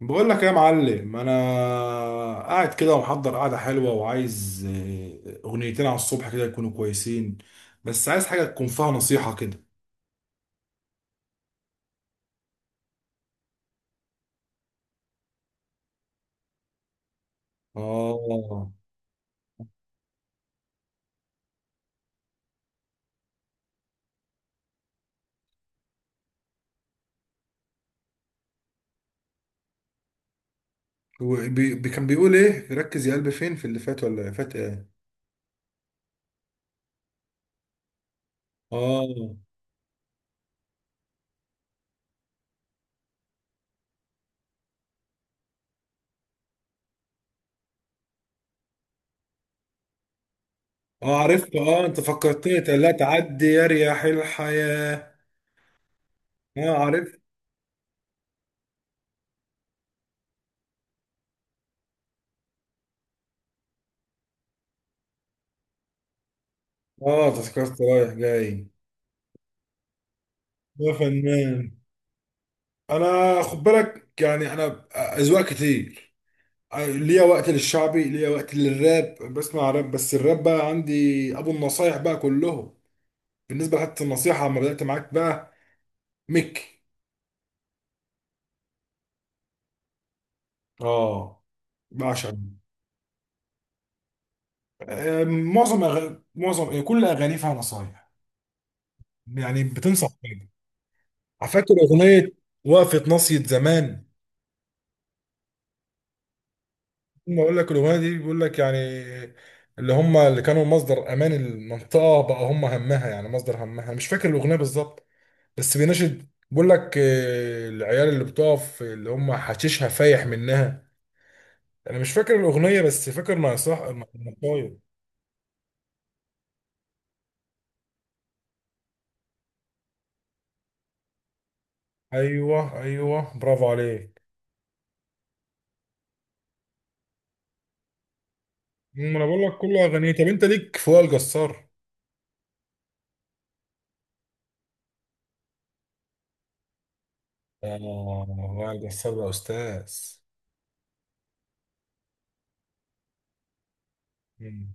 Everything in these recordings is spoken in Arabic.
بقول لك يا معلم، انا قاعد كده ومحضر قعده حلوه وعايز اغنيتين على الصبح كده يكونوا كويسين. بس عايز حاجه تكون فيها نصيحه كده. اه، هو كان بيقول ايه؟ ركز يا قلبي فين؟ في اللي فات ولا فات ايه؟ اه. اه عرفت، اه انت فكرتني: لا تعدي يا رياح الحياه. اه عرفت. اه تذكرت رايح جاي. يا فنان، انا خد بالك يعني، انا اذواق كتير. ليا وقت للشعبي، ليا وقت للراب، بسمع راب، بس الراب بقى عندي ابو النصايح بقى كلهم. بالنسبه لحتى النصيحه لما بدات معاك بقى، ميك. اه، بعشق ميك. معظم، كل اغاني فيها نصايح، يعني بتنصح بيها. فاكر اغنيه وقفه ناصيه زمان؟ ما اقول لك الاغنيه دي بيقول لك يعني اللي هم اللي كانوا مصدر امان المنطقه بقى هم همها، يعني مصدر همها، مش فاكر الاغنيه بالظبط. بس بيناشد، بيقول لك العيال اللي بتقف اللي هم حشيشها فايح منها. انا مش فاكر الاغنيه بس فاكر ما صح. طيب، ايوه ايوه، برافو عليك. انا بقول لك كل اغانيه. طب انت ليك في وائل جسار؟ اه، وائل جسار ده استاذ. أمم،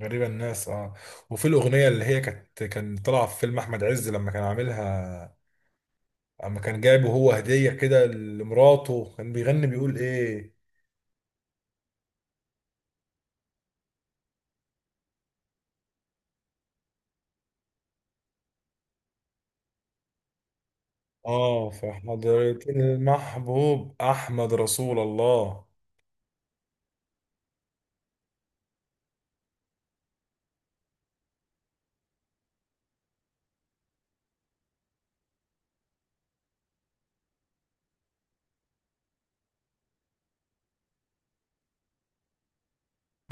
غريبه الناس، اه. وفي الاغنيه اللي هي كانت طالعه في فيلم احمد عز لما كان عاملها، اما كان جايبه هو هديه كده لمراته، كان بيغني بيقول ايه؟ اه، في حضرة المحبوب احمد رسول الله.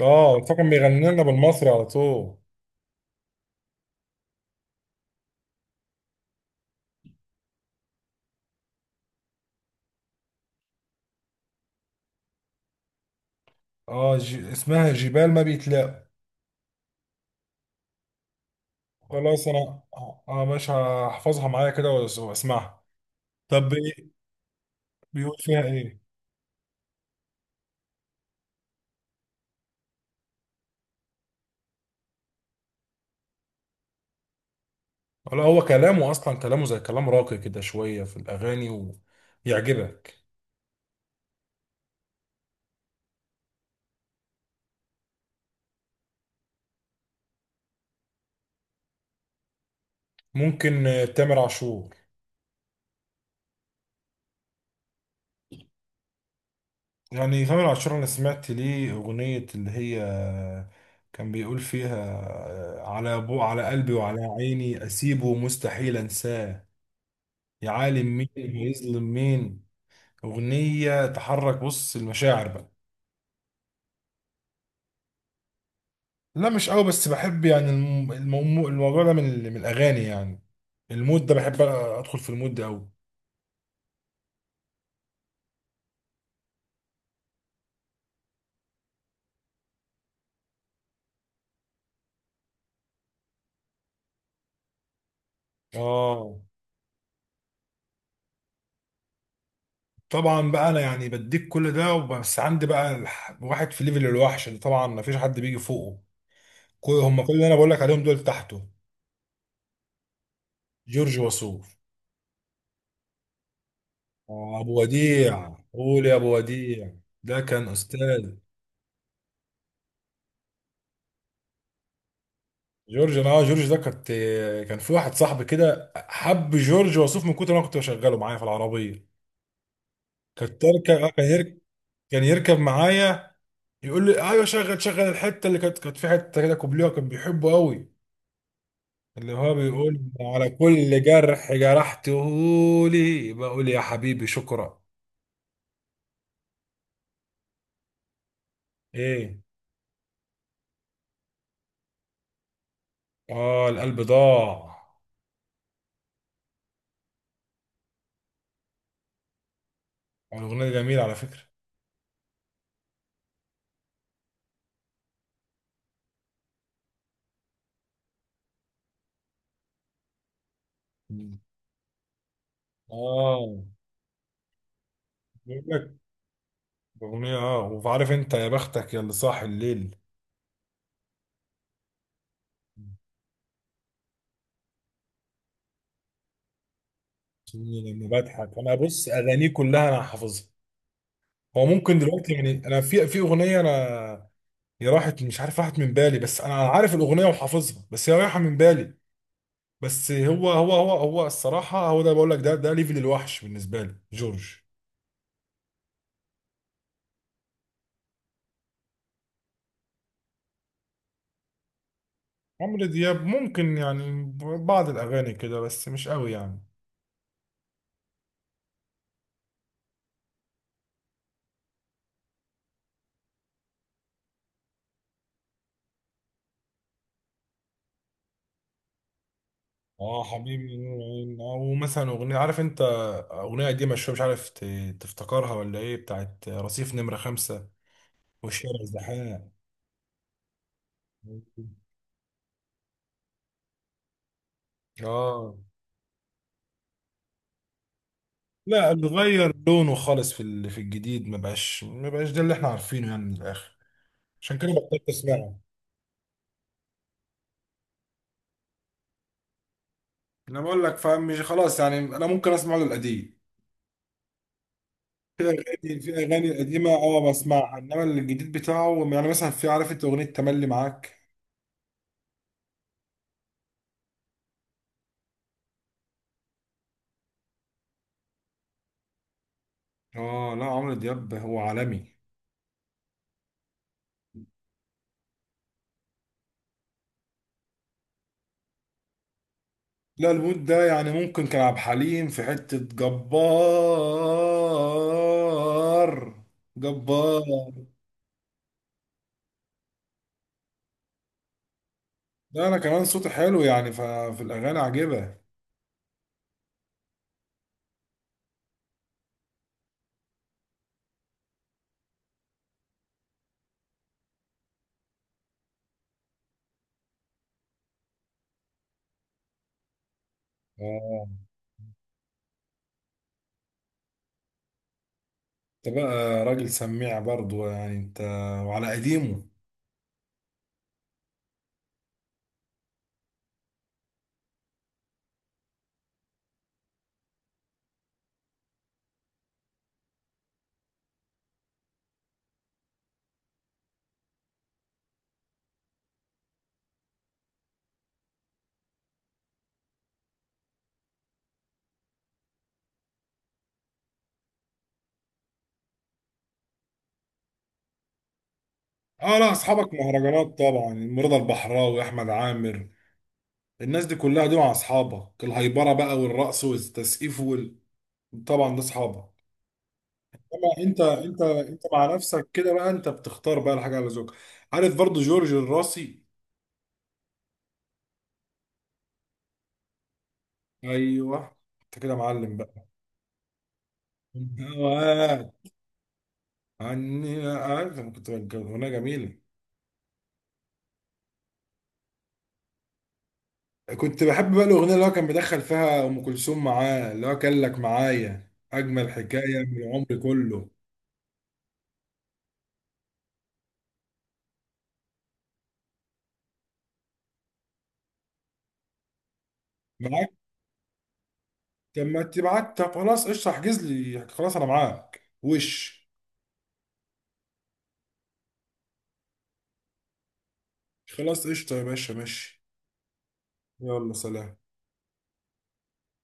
اه، فكان بيغني لنا بالمصري على طول. اسمها جبال ما بيتلاقوا. خلاص انا، اه، مش هحفظها معايا كده واسمعها. طب بي- بيقول فيها ايه؟ ولا هو كلامه اصلا، كلامه زي كلام راقي كده شوية في الاغاني، ويعجبك. ممكن تامر عاشور. يعني تامر عاشور انا سمعت ليه اغنية اللي هي كان بيقول فيها على بو على قلبي وعلى عيني اسيبه مستحيل انساه، يا عالم مين هيظلم مين. اغنية تحرك بص المشاعر بقى. لا، مش قوي، بس بحب يعني الموضوع ده، من الاغاني يعني. المود ده بحب ادخل في المود ده قوي. اه. طبعا بقى، انا يعني بديك كل ده، بس عندي بقى واحد في ليفل الوحش اللي طبعا مفيش حد بيجي فوقه. كل هم كل اللي انا بقول لك عليهم دول تحته. جورج وسوف. ابو وديع، قول يا ابو وديع. ده كان استاذ. جورج انا اه جورج ده كنت، كان في واحد صاحبي كده حب جورج وسوف من كتر ما أنا كنت بشغله معايا في العربيه. كنت اركب، كان يركب، كان يركب معايا، يقول لي ايوه شغل شغل الحته اللي كانت في حته كده كوبليه كان بيحبه قوي، اللي هو بيقول على كل جرح جرحته لي، بقول يا حبيبي شكرا. ايه؟ اه، القلب ضاع. الأغنية دي جميلة على فكرة. مم. آه، بقول لك أغنية، آه، وعارف أنت، يا بختك يا اللي صاحي الليل. عشان لما بضحك أنا، بص، أغانيه كلها أنا حافظها. هو ممكن دلوقتي، يعني أنا في أغنية، أنا هي راحت، مش عارف راحت من بالي، بس أنا عارف الأغنية وحافظها، بس هي رايحة من بالي. بس هو الصراحة، هو ده بقول لك، ده ليفل الوحش بالنسبة لي جورج. عمرو دياب ممكن يعني بعض الأغاني كده بس مش قوي يعني. اه، حبيبي نور العين، او مثلا اغنيه عارف انت، اغنيه قديمه شويه مش عارف تفتكرها ولا ايه، بتاعت رصيف نمره خمسة والشارع زحام. اه. لا، اللي غير لونه خالص في في الجديد، ما بقاش ده اللي احنا عارفينه يعني من الاخر. عشان كده بطلت اسمعه. انا بقول لك، فاهم؟ مش خلاص يعني انا ممكن اسمع له القديم. في اغاني القديمه اه بسمعها، انما الجديد بتاعه، يعني مثلا في عارف انت اغنيه تملي معاك. اه. لا، عمرو دياب هو عالمي. لا، الوود ده يعني ممكن كان عبد الحليم، في حتة جبار جبار. ده انا كمان صوتي حلو يعني، ففي الاغاني عاجبه. اه. انت بقى راجل سميع برضو يعني انت، وعلى قديمه. اه. لا، اصحابك مهرجانات طبعا، رضا البحراوي، احمد عامر. الناس دي كلها دول مع اصحابك، الهيبره بقى والرقص والتسقيف وال... طبعا ده اصحابك. لا، انت انت مع نفسك كده بقى، انت بتختار بقى الحاجه على ذوقك. عارف برضو جورج الراسي؟ ايوه. انت كده معلم بقى. وقعت عني، عارف؟ انا كنت، كانت اغنيه جميله. كنت بحب بقى الاغنيه اللي هو كان بيدخل فيها ام كلثوم معاه، اللي هو كان لك معايا اجمل حكايه من العمر كله. معاك. طب ما تبعت، طب خلاص قشطه، احجز لي، خلاص انا معاك وش. خلاص قشطه يا باشا، ماشي. يلا سلام.